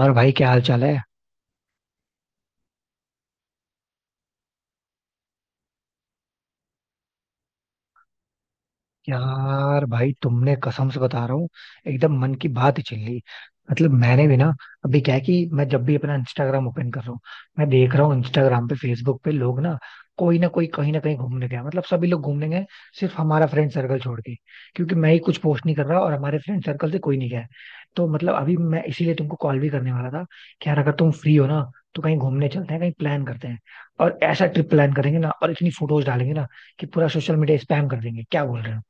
और भाई क्या हाल चाल है? यार भाई तुमने कसम से बता रहा हूँ, एकदम मन की बात ही छिल ली। मतलब मैंने भी ना, अभी क्या है कि मैं जब भी अपना इंस्टाग्राम ओपन कर रहा हूँ, मैं देख रहा हूँ इंस्टाग्राम पे, फेसबुक पे, लोग ना, कोई ना कोई कहीं ना कहीं घूमने गया, मतलब सभी लोग घूमने गए, सिर्फ हमारा फ्रेंड सर्कल छोड़ के, क्योंकि मैं ही कुछ पोस्ट नहीं कर रहा और हमारे फ्रेंड सर्कल से कोई नहीं गया है। तो मतलब अभी मैं इसीलिए तुमको कॉल भी करने वाला था कि यार अगर तुम फ्री हो ना तो कहीं घूमने चलते हैं, कहीं प्लान करते हैं। और ऐसा ट्रिप प्लान करेंगे ना और इतनी फोटोज डालेंगे ना कि पूरा सोशल मीडिया स्पैम कर देंगे। क्या बोल रहे हो?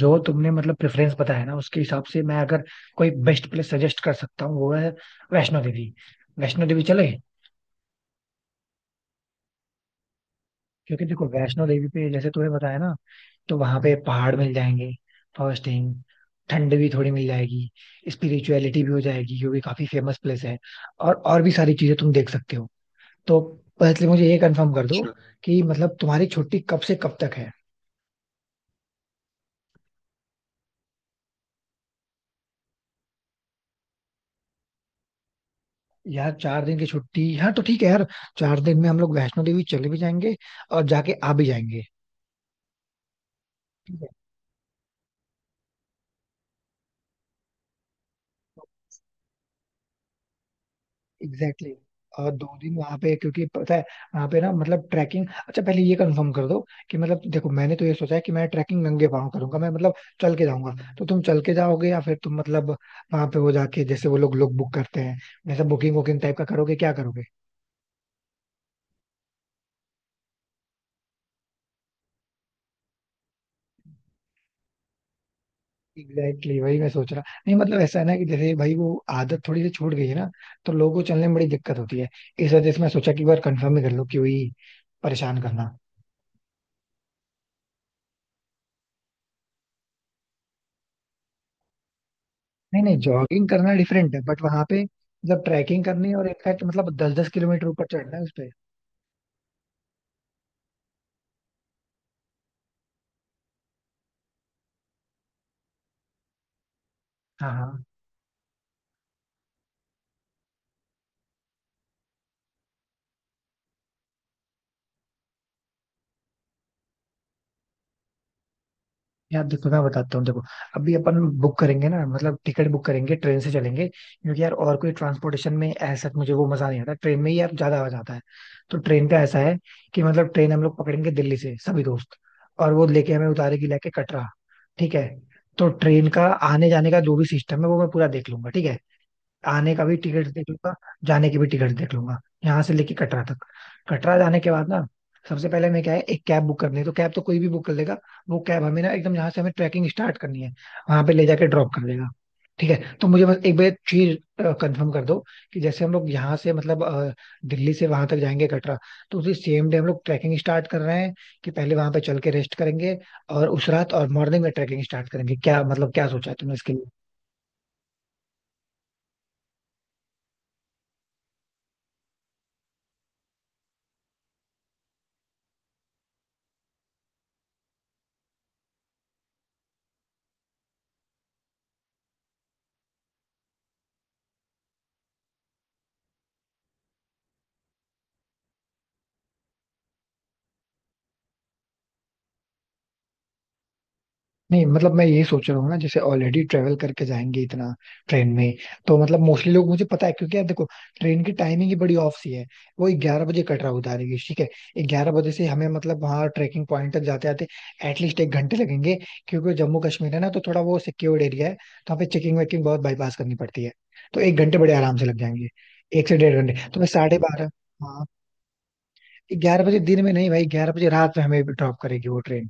जो तुमने मतलब प्रेफरेंस बताया ना उसके हिसाब से मैं अगर कोई बेस्ट प्लेस सजेस्ट कर सकता हूँ, वो है वैष्णो देवी। वैष्णो देवी चले? क्योंकि देखो वैष्णो देवी पे जैसे तुम्हें बताया ना, तो वहां पे पहाड़ मिल जाएंगे, फर्स्ट थिंग। ठंड भी थोड़ी मिल जाएगी, स्पिरिचुअलिटी भी हो जाएगी क्योंकि काफी फेमस प्लेस है, और भी सारी चीजें तुम देख सकते हो। तो पहले मुझे ये कंफर्म कर दो, अच्छा, कि मतलब तुम्हारी छुट्टी कब से कब तक है? यार, 4 दिन की छुट्टी, हाँ तो ठीक है यार, 4 दिन में हम लोग वैष्णो देवी चले भी जाएंगे और जाके आ भी जाएंगे। ठीक है, एग्जैक्टली exactly. और दो दिन वहां पे, क्योंकि पता है वहां पे ना मतलब ट्रैकिंग, अच्छा पहले ये कंफर्म कर दो कि मतलब देखो मैंने तो ये सोचा है कि मैं ट्रैकिंग नंगे पाँव करूंगा, मैं मतलब चल के जाऊंगा। तो तुम चल के जाओगे या फिर तुम मतलब वहां पे वो जाके जैसे वो लोग लोग बुक करते हैं, वैसा बुकिंग वुकिंग टाइप का करोगे? क्या करोगे? एग्जैक्टली exactly, वही मैं सोच रहा। नहीं मतलब ऐसा है ना कि जैसे भाई वो आदत थोड़ी सी छूट गई है ना, तो लोगों को चलने में बड़ी दिक्कत होती है। इस वजह से मैं सोचा कि एक बार कंफर्म ही कर लो कि वही परेशान करना। नहीं नहीं, जॉगिंग करना डिफरेंट है बट वहां पे मतलब ट्रैकिंग करनी है और इनफैक्ट मतलब 10 10 किलोमीटर ऊपर चढ़ना है उस पे। हाँ हाँ। यार देखो मैं बताता हूँ, देखो अभी अपन बुक करेंगे ना, मतलब टिकट बुक करेंगे, ट्रेन से चलेंगे क्योंकि यार और कोई ट्रांसपोर्टेशन में ऐसा मुझे वो मजा नहीं आता, ट्रेन में ही यार ज्यादा आ जाता है। तो ट्रेन का ऐसा है कि मतलब ट्रेन हम लोग पकड़ेंगे दिल्ली से, सभी दोस्त, और वो लेके हमें उतारेगी लेके कटरा। ठीक है? तो ट्रेन का आने जाने का जो भी सिस्टम है वो मैं पूरा देख लूंगा, ठीक है। आने का भी टिकट देख लूंगा, जाने की भी टिकट देख लूंगा, यहाँ से लेके कटरा तक। कटरा जाने के बाद ना, सबसे पहले हमें क्या है, एक कैब बुक करनी है, तो कैब तो कोई भी बुक कर लेगा। वो कैब हमें ना एकदम जहाँ से हमें ट्रैकिंग स्टार्ट करनी है, वहां पे ले जाके ड्रॉप कर देगा। ठीक है, तो मुझे बस एक बार चीज कंफर्म कर दो कि जैसे हम लोग यहाँ से मतलब दिल्ली से वहां तक जाएंगे, कटरा, तो उसी सेम डे हम लोग ट्रैकिंग स्टार्ट कर रहे हैं कि पहले वहां पे चल के रेस्ट करेंगे और उस रात और मॉर्निंग में ट्रैकिंग स्टार्ट करेंगे? क्या मतलब, क्या सोचा है तुमने इसके लिए? नहीं मतलब मैं यही सोच रहा हूँ ना, जैसे ऑलरेडी ट्रेवल करके जाएंगे इतना ट्रेन में, तो मतलब मोस्टली लोग मुझे पता है क्योंकि यार देखो ट्रेन की टाइमिंग ही बड़ी ऑफ सी है। वो 11 बजे कटरा उतारेगी, ठीक है, 11 बजे से हमें मतलब वहाँ ट्रेकिंग पॉइंट तक जाते आते एटलीस्ट 1 घंटे लगेंगे, क्योंकि जम्मू कश्मीर है ना तो थोड़ा वो सिक्योर्ड एरिया है, तो वहाँ पे चेकिंग वेकिंग बहुत बाईपास करनी पड़ती है। तो 1 घंटे बड़े आराम से लग जाएंगे, 1 से डेढ़ घंटे, तो मैं 12:30। हाँ, 11 बजे दिन में नहीं भाई, 11 बजे रात में हमें ड्रॉप करेगी वो ट्रेन।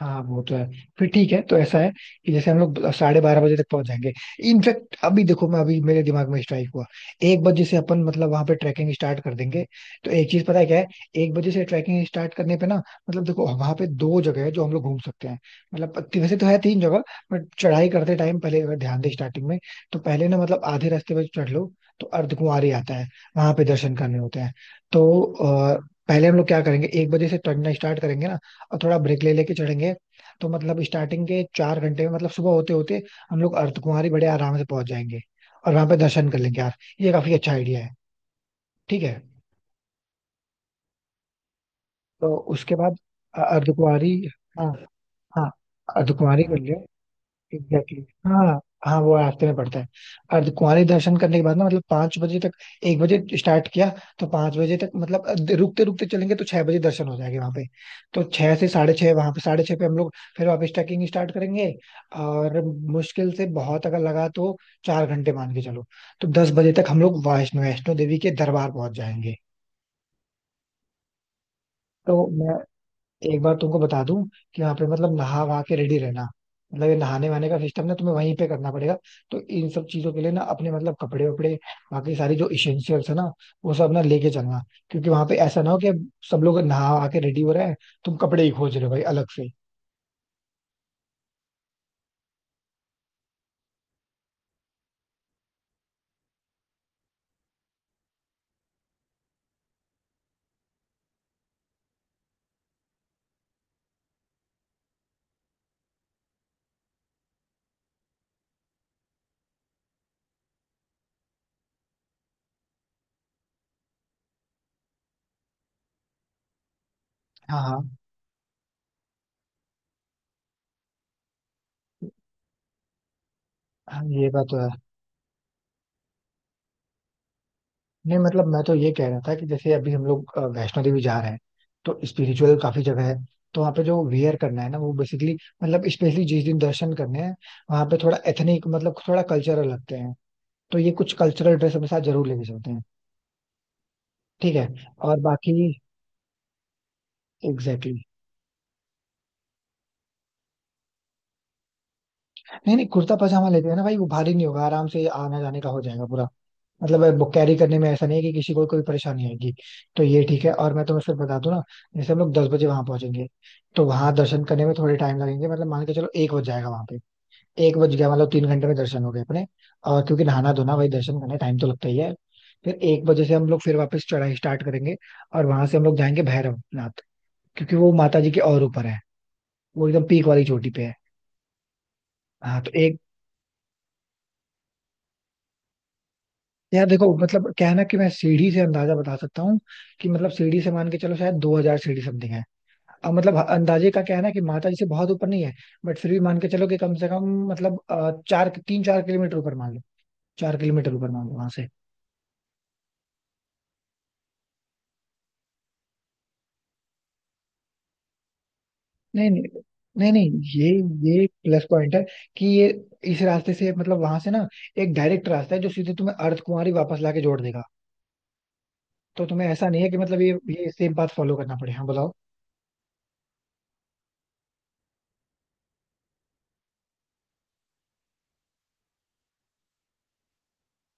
हाँ वो तो है, फिर ठीक है। तो ऐसा है कि जैसे हम लोग 12:30 बजे तक पहुंच जाएंगे। इनफैक्ट अभी देखो मैं, अभी मेरे दिमाग में स्ट्राइक हुआ, 1 बजे से अपन मतलब वहां पे ट्रैकिंग स्टार्ट कर देंगे। तो एक चीज पता है क्या है, 1 बजे से ट्रैकिंग स्टार्ट करने पे ना, मतलब देखो वहां पे दो जगह है जो हम लोग घूम सकते हैं, मतलब वैसे तो है तीन जगह। बट चढ़ाई करते टाइम पहले अगर ध्यान दे स्टार्टिंग में, तो पहले ना मतलब आधे रास्ते पे चढ़ लो तो अर्धकुंवारी आता है, वहां पे दर्शन करने होते हैं। तो पहले हम लोग क्या करेंगे, 1 बजे से चढ़ना स्टार्ट करेंगे ना, और थोड़ा ब्रेक ले लेके चढ़ेंगे। तो मतलब स्टार्टिंग के 4 घंटे में, मतलब सुबह होते होते हम लोग अर्धकुंवारी बड़े आराम से पहुंच जाएंगे और वहां पे दर्शन कर लेंगे। यार ये काफी अच्छा आइडिया है, ठीक है। तो उसके बाद अ, अर्धकुंवारी, हाँ हाँ, अर्धकुंवारी कर लिया। Exactly exactly. हाँ, हाँ वो रास्ते में पड़ता है। अर्ध कुंवारी दर्शन करने के बाद ना, मतलब 5 बजे तक, 1 बजे स्टार्ट किया तो 5 बजे तक, मतलब रुकते रुकते चलेंगे तो 6 बजे दर्शन हो जाएंगे वहां पे। तो 6 से 6:30 वहां पे, 6:30 पे हम लोग फिर वापस ट्रैकिंग स्टार्ट करेंगे। और मुश्किल से बहुत अगर लगा तो 4 घंटे मान के चलो, तो 10 बजे तक हम लोग वैष्णो वैष्णो देवी के दरबार पहुंच जाएंगे। तो मैं एक बार तुमको बता दूं कि वहां पे मतलब नहा वहा के रेडी रहना। मतलब ये नहाने वहाने का सिस्टम ना तुम्हें वहीं पे करना पड़ेगा, तो इन सब चीजों के लिए ना अपने मतलब कपड़े वपड़े, बाकी सारी जो इसेंशियल्स है ना, वो सब ना लेके चलना। क्योंकि वहां पे ऐसा ना हो कि सब लोग नहा वहा के रेडी हो रहे हैं, तुम कपड़े ही खोज रहे हो भाई अलग से। हाँ हाँ, हाँ, ये बात तो है। नहीं मतलब मैं तो ये कह रहा था कि जैसे अभी हम लोग वैष्णो देवी जा रहे हैं, तो स्पिरिचुअल काफी जगह है, तो वहाँ पे जो वेयर करना है ना, वो बेसिकली मतलब स्पेशली जिस दिन दर्शन करने हैं, वहाँ पे थोड़ा एथनिक, मतलब थोड़ा कल्चरल लगते हैं, तो ये कुछ कल्चरल ड्रेस अपने साथ जरूर लेके चलते हैं, ठीक है। और बाकी, एग्जैक्टली exactly. नहीं नहीं, कुर्ता पजामा लेते हैं ना भाई, वो भारी नहीं होगा, आराम से आना जाने का हो जाएगा पूरा। मतलब बुक कैरी करने में ऐसा नहीं है कि किसी को कोई परेशानी आएगी। तो ये ठीक है। और मैं तुम्हें सिर्फ बता दूं ना, जैसे हम लोग 10 बजे वहां पहुंचेंगे, तो वहां दर्शन करने में थोड़े टाइम लगेंगे, मतलब मान के चलो एक बज जाएगा वहां पे। एक बज गया मतलब 3 घंटे में दर्शन हो गए अपने, और क्योंकि नहाना धोना भाई दर्शन करने टाइम तो लगता ही है। फिर 1 बजे से हम लोग फिर वापस चढ़ाई स्टार्ट करेंगे, और वहां से हम लोग जाएंगे भैरवनाथ, क्योंकि वो माता जी के और ऊपर है, वो एकदम पीक वाली चोटी पे है। हाँ तो एक, यार देखो मतलब क्या है ना कि मैं सीढ़ी से अंदाजा बता सकता हूँ कि मतलब सीढ़ी से मान के चलो शायद 2000 सीढ़ी समथिंग है। अब मतलब अंदाजे का क्या है ना कि माता जी से बहुत ऊपर नहीं है। बट फिर भी मान के चलो कि कम से कम मतलब अ, चार तीन 4 किलोमीटर ऊपर मान लो। चार किलोमीटर ऊपर मान लो वहां से। नहीं नहीं, नहीं नहीं, ये ये प्लस पॉइंट है कि ये, इस रास्ते से मतलब वहां से ना एक डायरेक्ट रास्ता है जो सीधे तुम्हें अर्धकुंवारी वापस लाके जोड़ देगा। तो तुम्हें ऐसा नहीं है कि मतलब ये सेम पाथ फॉलो करना पड़े। हाँ,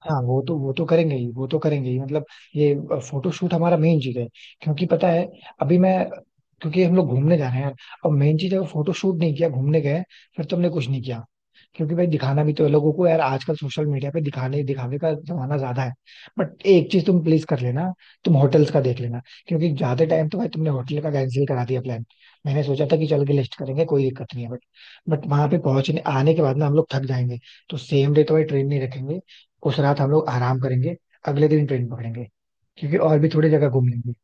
हाँ वो तो, वो तो करेंगे ही, वो तो करेंगे ही, मतलब ये फोटोशूट हमारा मेन चीज है। क्योंकि पता है अभी मैं, क्योंकि हम लोग घूमने जा रहे हैं यार, अब मेन चीज है फोटोशूट नहीं किया घूमने गए फिर तुमने कुछ नहीं किया। क्योंकि भाई दिखाना भी तो है लोगों को, यार आजकल सोशल मीडिया पे दिखाने दिखावे का जमाना ज्यादा है। बट एक चीज तुम प्लीज कर लेना, तुम होटल्स का देख लेना, क्योंकि ज्यादा टाइम तो भाई तुमने होटल का कैंसिल करा दिया प्लान। मैंने सोचा था कि चल के लिस्ट करेंगे, कोई दिक्कत नहीं है, बट वहां पे पहुंचने आने के बाद ना हम लोग थक जाएंगे, तो सेम डे तो भाई ट्रेन नहीं रखेंगे। उस रात हम लोग आराम करेंगे, अगले दिन ट्रेन पकड़ेंगे, क्योंकि और भी थोड़ी जगह घूम लेंगे।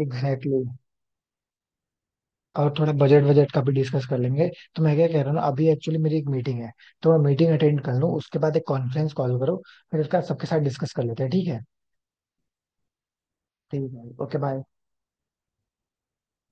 एग्जैक्टली। और थोड़ा बजट बजट का भी डिस्कस कर लेंगे। तो मैं क्या कह रहा हूँ ना, अभी एक्चुअली मेरी एक मीटिंग है, तो मैं मीटिंग अटेंड कर लूँ, उसके बाद एक कॉन्फ्रेंस कॉल करो, फिर उसका सबके साथ डिस्कस कर लेते हैं। ठीक है? ठीक है, ओके बाय।